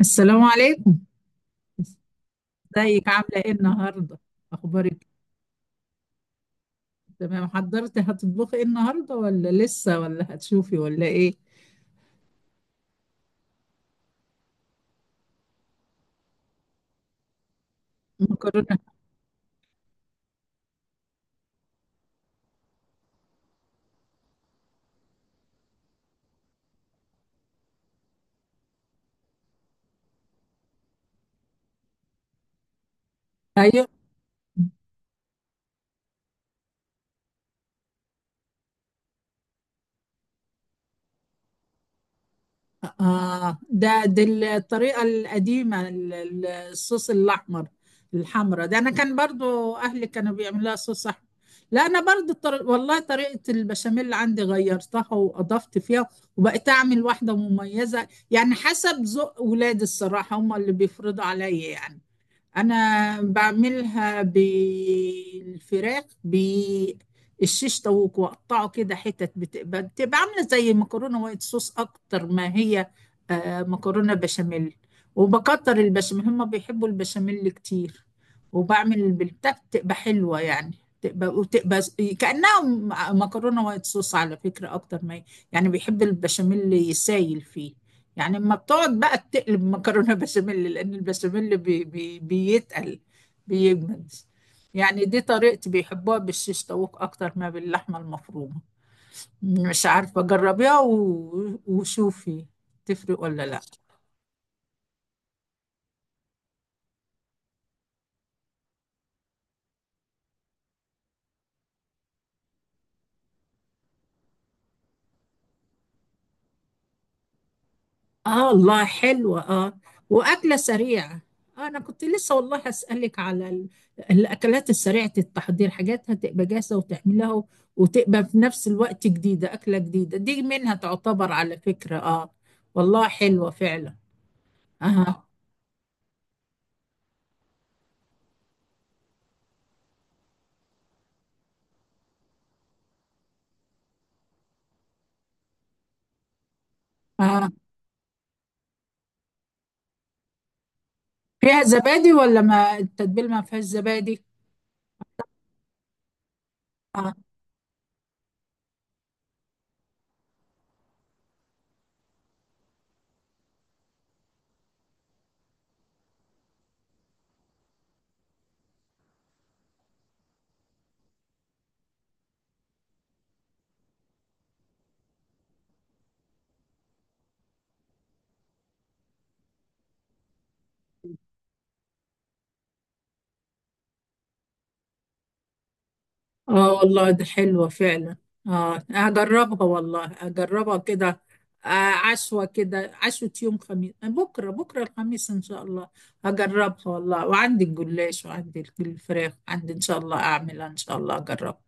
السلام عليكم. ازيك عاملة ايه النهاردة؟ اخبارك إيه؟ تمام، حضرتي هتطبخي ايه النهاردة، ولا لسه، ولا هتشوفي، ولا ايه؟ مكرونة. ايوه. اه، ده دي الطريقة القديمة، الصوص الاحمر، الحمرا ده. انا كان برضو اهلي كانوا بيعملوها صوص احمر. لا، انا برضو والله طريقة البشاميل عندي غيرتها واضفت فيها، وبقيت اعمل واحدة مميزة، يعني حسب ذوق ولادي. الصراحة هم اللي بيفرضوا عليا يعني. أنا بعملها بالفراخ بالشيش طاووق، وأقطعه كده حتت، بتبقى عاملة زي مكرونة وايت صوص أكتر ما هي. آه، مكرونة بشاميل. وبكتر البشاميل، هما بيحبوا البشاميل كتير. وبعمل بالبتاع، بتبقى حلوة يعني. تبقى وتبقى ز- كأنها م- مكرونة وايت صوص على فكرة أكتر ما هي. يعني بيحب البشاميل يسايل فيه. يعني اما بتقعد بقى تقلب مكرونه بشاميل، لان البشاميل بي بي بيتقل، بيجمد. يعني دي طريقتي، بيحبوها بالشيش طاووق اكتر ما باللحمه المفرومه. مش عارفه، جربيها وشوفي تفرق ولا لا. اه، الله، حلوة اه. واكلة سريعة. آه، انا كنت لسه والله هسألك على الاكلات السريعة التحضير، حاجات هتبقى جاهزة وتعملها، وتبقى في نفس الوقت جديدة. اكلة جديدة، دي منها تعتبر على فكرة، اه. والله حلوة فعلا. اه. اه فيها زبادي، ولا ما التتبيل ما فيهاش زبادي؟ آه. اه، والله دي حلوة فعلا. اه، هجربها والله، هجربها كده. آه. عشوة كده، عشوة يوم خميس. آه، بكرة بكرة الخميس ان شاء الله. هجربها والله، وعندي الجلاش، وعندي الفراخ عندي، ان شاء الله اعملها، ان شاء الله اجربها.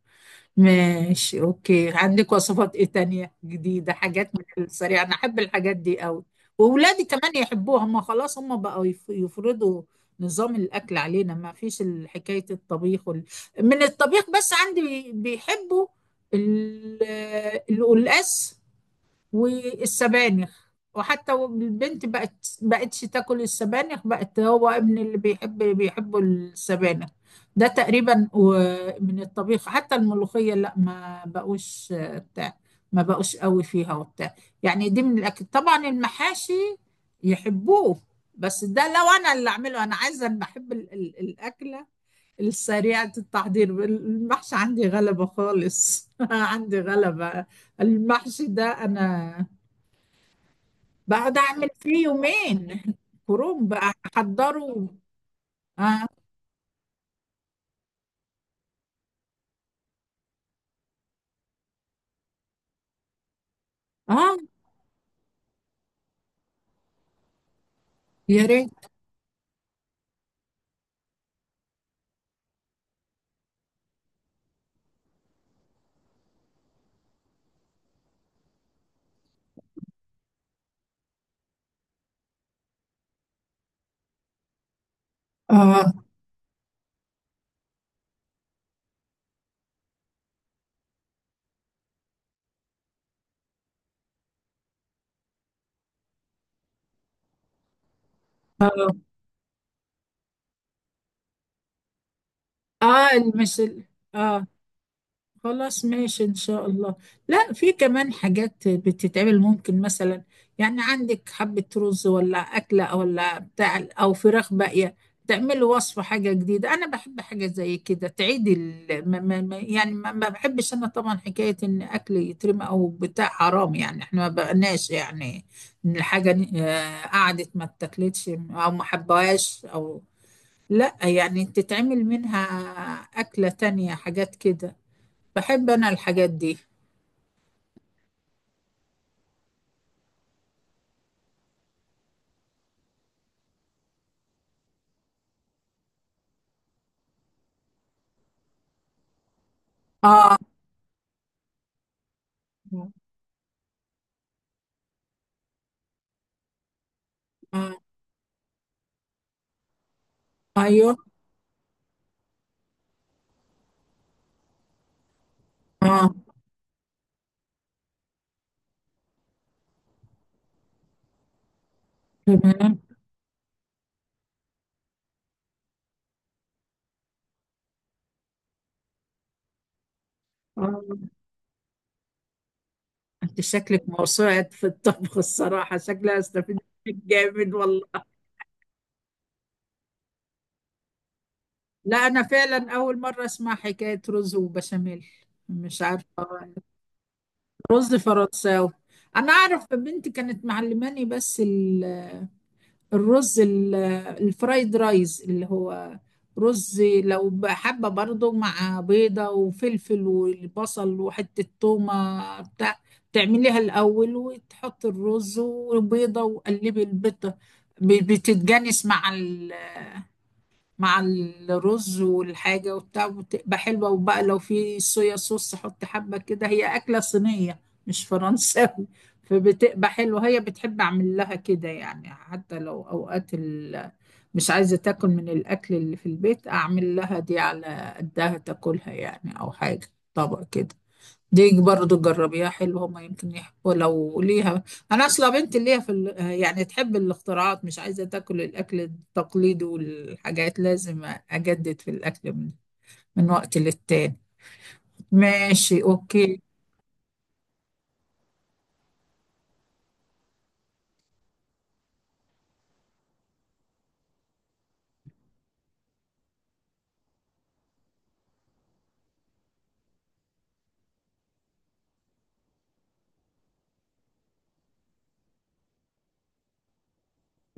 ماشي، اوكي. عندك وصفات ايه تانية جديدة، حاجات من السريع؟ انا احب الحاجات دي قوي، واولادي كمان يحبوها. هم خلاص هم بقوا يفرضوا نظام الاكل علينا. ما فيش حكاية الطبيخ وال... من الطبيخ بس، عندي بيحبوا ال- القلقاس والسبانخ. وحتى البنت بقت بقتش تاكل السبانخ، بقت. هو ابني اللي بيحبوا السبانخ ده تقريبا. من الطبيخ، حتى الملوخية لا، ما بقوش آه، بتاع. ما بقوش قوي فيها وبتاع. يعني دي من الأكل. طبعا المحاشي يحبوه، بس ده لو انا اللي اعمله. انا عايزه، أنا بحب الاكله السريعه التحضير. المحشي عندي غلبه خالص عندي غلبه. المحشي ده انا بعد اعمل فيه يومين كروب بقى احضره. اه، اه، يا ريت. اه، اه، اه، المثل، اه. خلاص، ماشي إن شاء الله. لا، في كمان حاجات بتتعمل. ممكن مثلا يعني عندك حبة رز ولا أكلة أو ولا بتاع أو فراخ باقية، تعملي وصفة حاجة جديدة. أنا بحب حاجة زي كده، تعيدي يعني ما بحبش. أنا طبعا حكاية إن أكل يترمى أو بتاع، حرام يعني. إحنا ما بقناش يعني، إن الحاجة آه، قعدت ما اتاكلتش أو ما حبهاش، أو لا، يعني تتعمل منها أكلة تانية، حاجات كده. بحب انا الحاجات دي. اه، آه، ايوه، اه، تمام، اه. انت شكلك موسوعة في الطبخ الصراحة، شكلها استفيد منك جامد والله. لا، انا فعلا اول مرة اسمع حكاية رز وبشاميل، مش عارفة. رز فرنساوي. انا اعرف بنتي كانت معلماني، بس الرز الفرايد رايز اللي هو رز. لو بقى حابة برضه، مع بيضة وفلفل والبصل وحتة تومة بتاع، تعمليها الأول، وتحط الرز وبيضة، وقلبي البيضة بتتجانس مع ال... مع الرز والحاجة وبتاع، بتبقى حلوة. وبقى لو في صويا صوص حط حبة كده. هي أكلة صينية، مش فرنساوي. فبتبقى حلوة. هي بتحب أعمل لها كده يعني. حتى لو أوقات ال... مش عايزة تاكل من الأكل اللي في البيت، أعمل لها دي على قدها تاكلها يعني، أو حاجة، طبق كده. دي برضو جربيها حلوة، هما يمكن يحبوا لو ليها. أنا أصلا بنت ليها في ال... يعني تحب الاختراعات، مش عايزة تاكل الأكل التقليدي. والحاجات لازم أجدد في الأكل من وقت للتاني. ماشي، أوكي.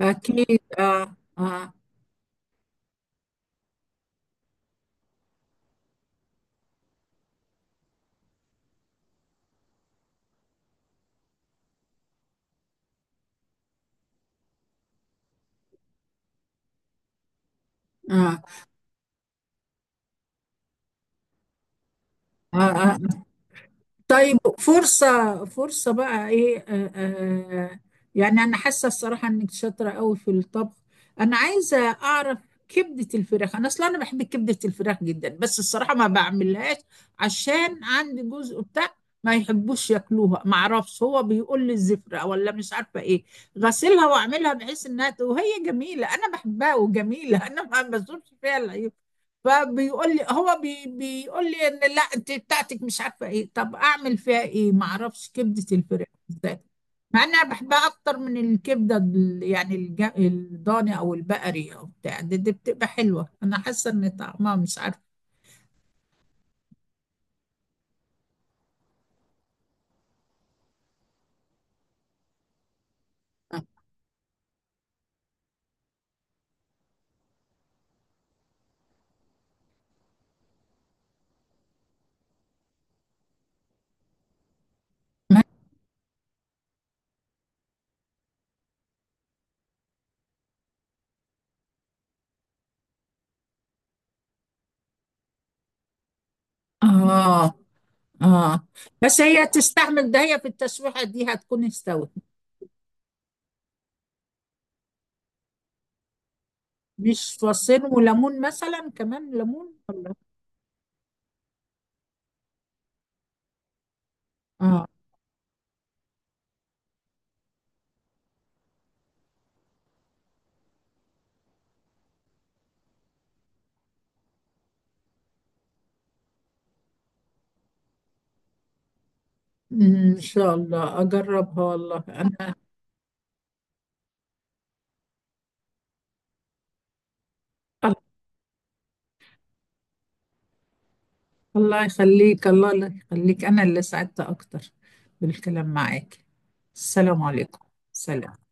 أكيد، آه، آه، آه، آه, آه. طيب، فرصة، فرصة بقى ايه، آه آه. يعني انا حاسة الصراحة انك شاطرة قوي في الطبخ. انا عايزة اعرف، كبدة الفراخ، انا اصلا انا بحب كبدة الفراخ جدا، بس الصراحة ما بعملهاش. عشان عندي جزء بتاع ما يحبوش ياكلوها. ما اعرفش، هو بيقول لي الزفرة ولا مش عارفة ايه. غسلها واعملها بحيث انها وهي جميلة، انا بحبها وجميلة انا ما بزورش فيها العيوب. فبيقول لي، هو بيقول لي ان لا انت بتاعتك مش عارفه ايه. طب اعمل فيها ايه؟ ما اعرفش كبده الفراخ بالذات. مع ان انا بحبها اكتر من الكبده يعني الضاني او البقري او بتاع. دي بتبقى حلوه، انا حاسه ان طعمها مش عارفه. اه، اه. بس هي تستحمل ده؟ هي في التشويحه دي هتكون استوت. مش فصين وليمون مثلا، كمان ليمون ولا؟ اه. أمم، ان شاء الله اجربها والله انا. الله يخليك. الله اللي يخليك، أنا اللي سعدت أكتر بالكلام معاك. السلام عليكم. سلام.